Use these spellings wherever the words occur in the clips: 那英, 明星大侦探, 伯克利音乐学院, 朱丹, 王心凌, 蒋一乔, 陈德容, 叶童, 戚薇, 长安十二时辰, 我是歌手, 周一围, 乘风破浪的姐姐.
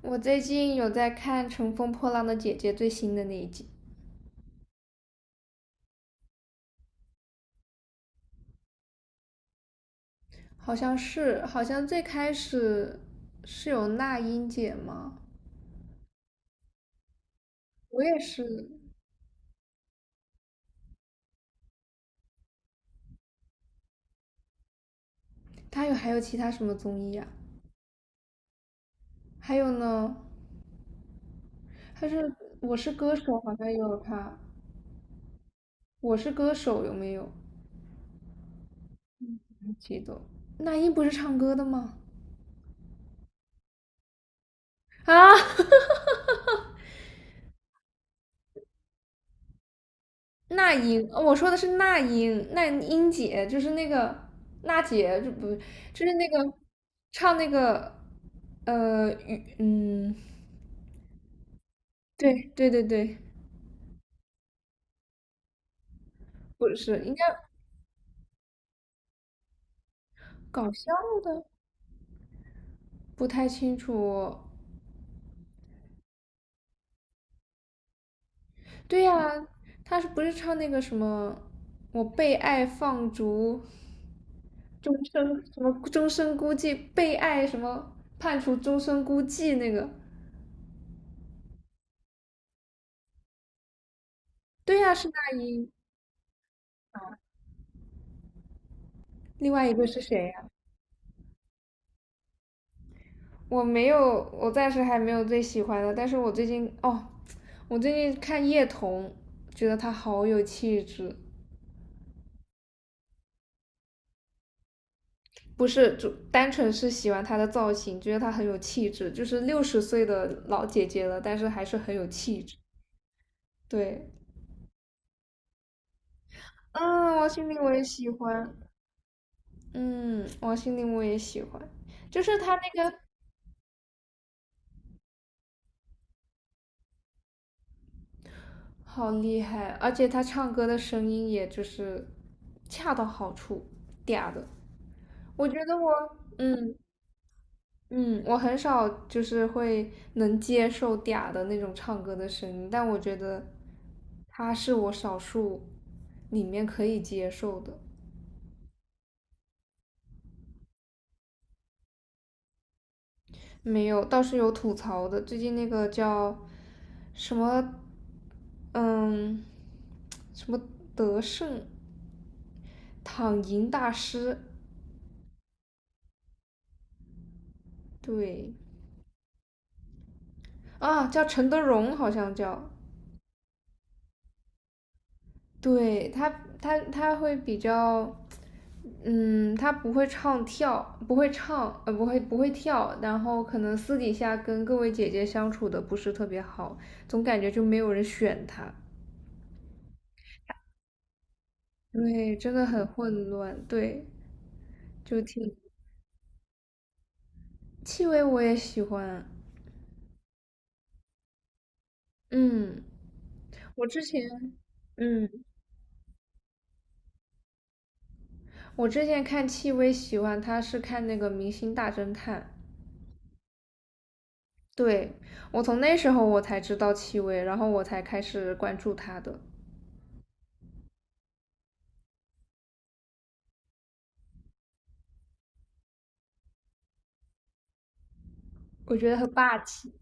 我最近有在看《乘风破浪的姐姐》最新的那一集，好像是，好像最开始是有那英姐吗？我也是，她有还有其他什么综艺啊？还有呢，她是《我是歌手》好像也有她，《我是歌手》有没有？记得那英不是唱歌的吗？啊，那英，我说的是那英，那英姐就是那个娜姐，就不就是那个唱那个雨，对对对对，不是，应该搞笑的，不太清楚。对呀，她是不是唱那个什么我被爱放逐，终生什么终身孤寂，被爱什么判处终身孤寂那个？对呀，是那英。另外一个是谁我没有，我暂时还没有最喜欢的，但是我最近看叶童，觉得她好有气质，不是就单纯是喜欢她的造型，觉得她很有气质，就是60岁的老姐姐了，但是还是很有气质。对，嗯，王心凌我也喜欢，嗯，王心凌我也喜欢，就是她那个好厉害，而且她唱歌的声音也就是恰到好处，嗲的，我觉得我嗯。嗯，我很少就是能接受嗲的那种唱歌的声音，但我觉得他是我少数里面可以接受的。没有，倒是有吐槽的。最近那个叫什么，嗯，什么德胜躺赢大师，对啊，叫陈德容，好像叫，对他，他会比较，嗯，他不会唱跳，不会唱，不会跳，然后可能私底下跟各位姐姐相处的不是特别好，总感觉就没有人选他。对，真的很混乱。对，就挺戚薇我也喜欢。嗯，我之前，嗯，我之前看戚薇喜欢她是看那个《明星大侦探》。对，我从那时候我才知道戚薇，然后我才开始关注她的。我觉得很霸气，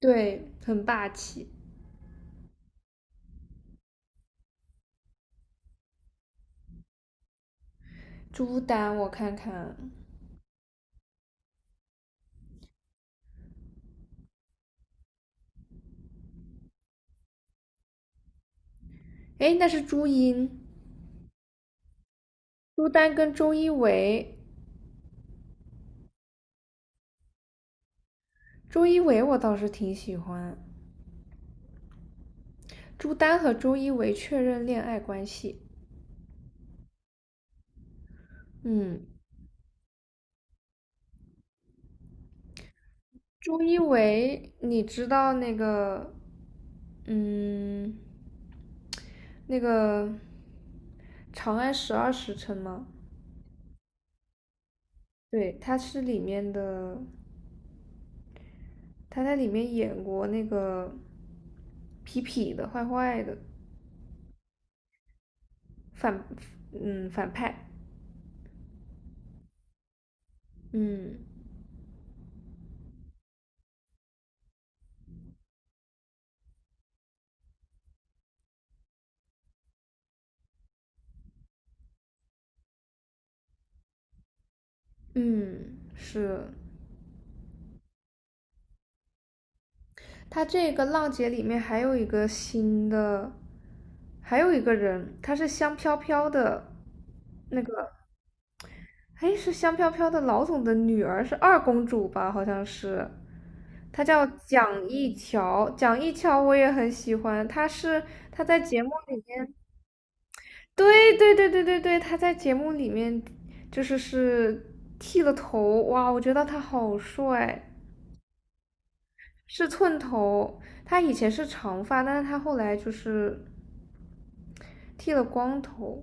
对，很霸气。朱丹，我看看，哎，那是朱茵，朱丹跟周一围，周一围我倒是挺喜欢。朱丹和周一围确认恋爱关系，嗯，周一围，你知道那个，嗯，那个《长安十二时辰》吗？对，他在里面演过那个痞痞的、坏坏的反，反派。嗯嗯，是。他这个《浪姐》里面还有一个新的，还有一个人，他是香飘飘的，那个，哎，是香飘飘的老总的女儿，是二公主吧？好像是。她叫蒋一乔，蒋一乔我也很喜欢，她是她在节目里对对对对对对，他在节目里面就是剃了头，哇，我觉得他好帅，是寸头。他以前是长发，但是他后来就是剃了光头。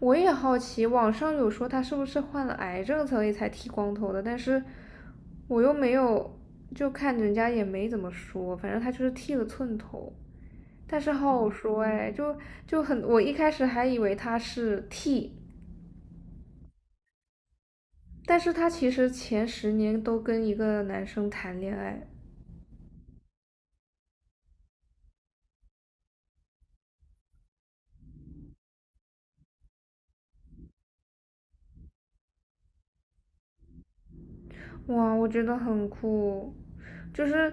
我也好奇，网上有说他是不是患了癌症所以才剃光头的，但是我又没有，就看人家也没怎么说，反正他就是剃了寸头，但是好好说哎，就很，我一开始还以为他是剃。但是他其实前10年都跟一个男生谈恋爱，哇，我觉得很酷，就是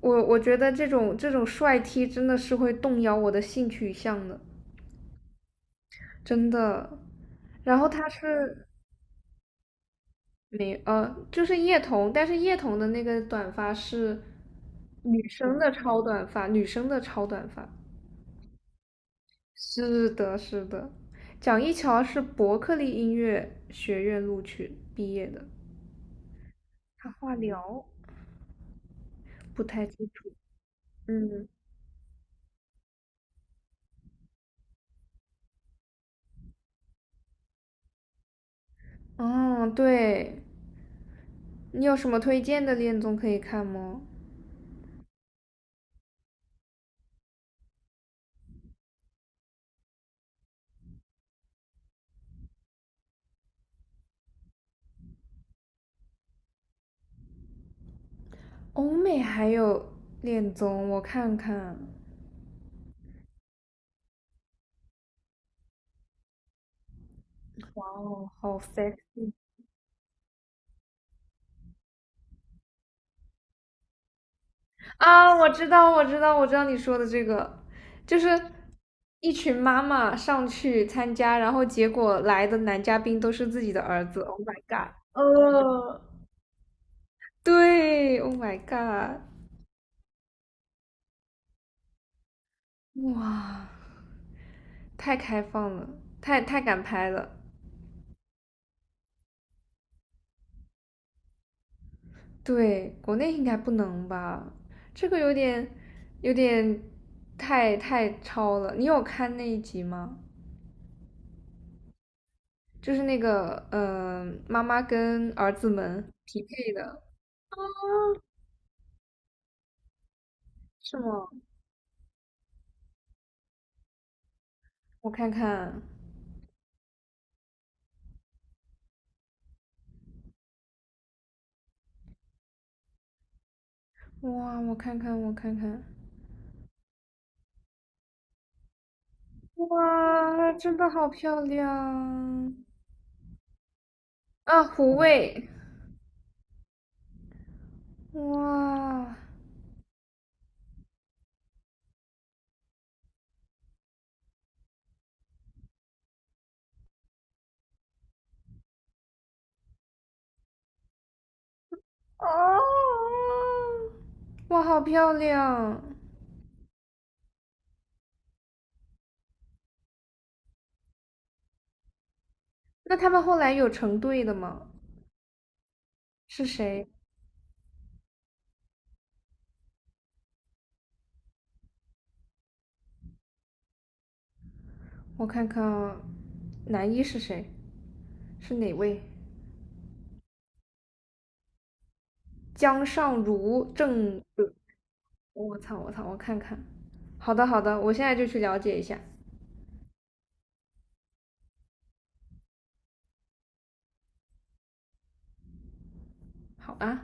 我觉得这种帅 T 真的是会动摇我的性取向的，真的。然后他是没呃，就是叶童，但是叶童的那个短发是女生的超短发，女生的超短发。是的，是的，蒋一乔是伯克利音乐学院录取毕业的，他化疗。不太清楚。嗯，哦，对，你有什么推荐的恋综可以看吗？欧美还有恋综，我看看。哇哦，好 sex 啊！我知道，我知道，我知道你说的这个，就是一群妈妈上去参加，然后结果来的男嘉宾都是自己的儿子。Oh my god！对，Oh my god！哇，太开放了，太敢拍了。对，国内应该不能吧？这个有点，太超了。你有看那一集吗？就是那个，嗯，妈妈跟儿子们匹配的，是吗？我看看，我看看，哇，真的好漂亮啊！胡卫，哇，哦，哇，好漂亮。那他们后来有成对的吗？是谁？我看看男一是谁，是哪位？江尚儒正，我操我操，我看看。好的好的，我现在就去了解一下。好啊。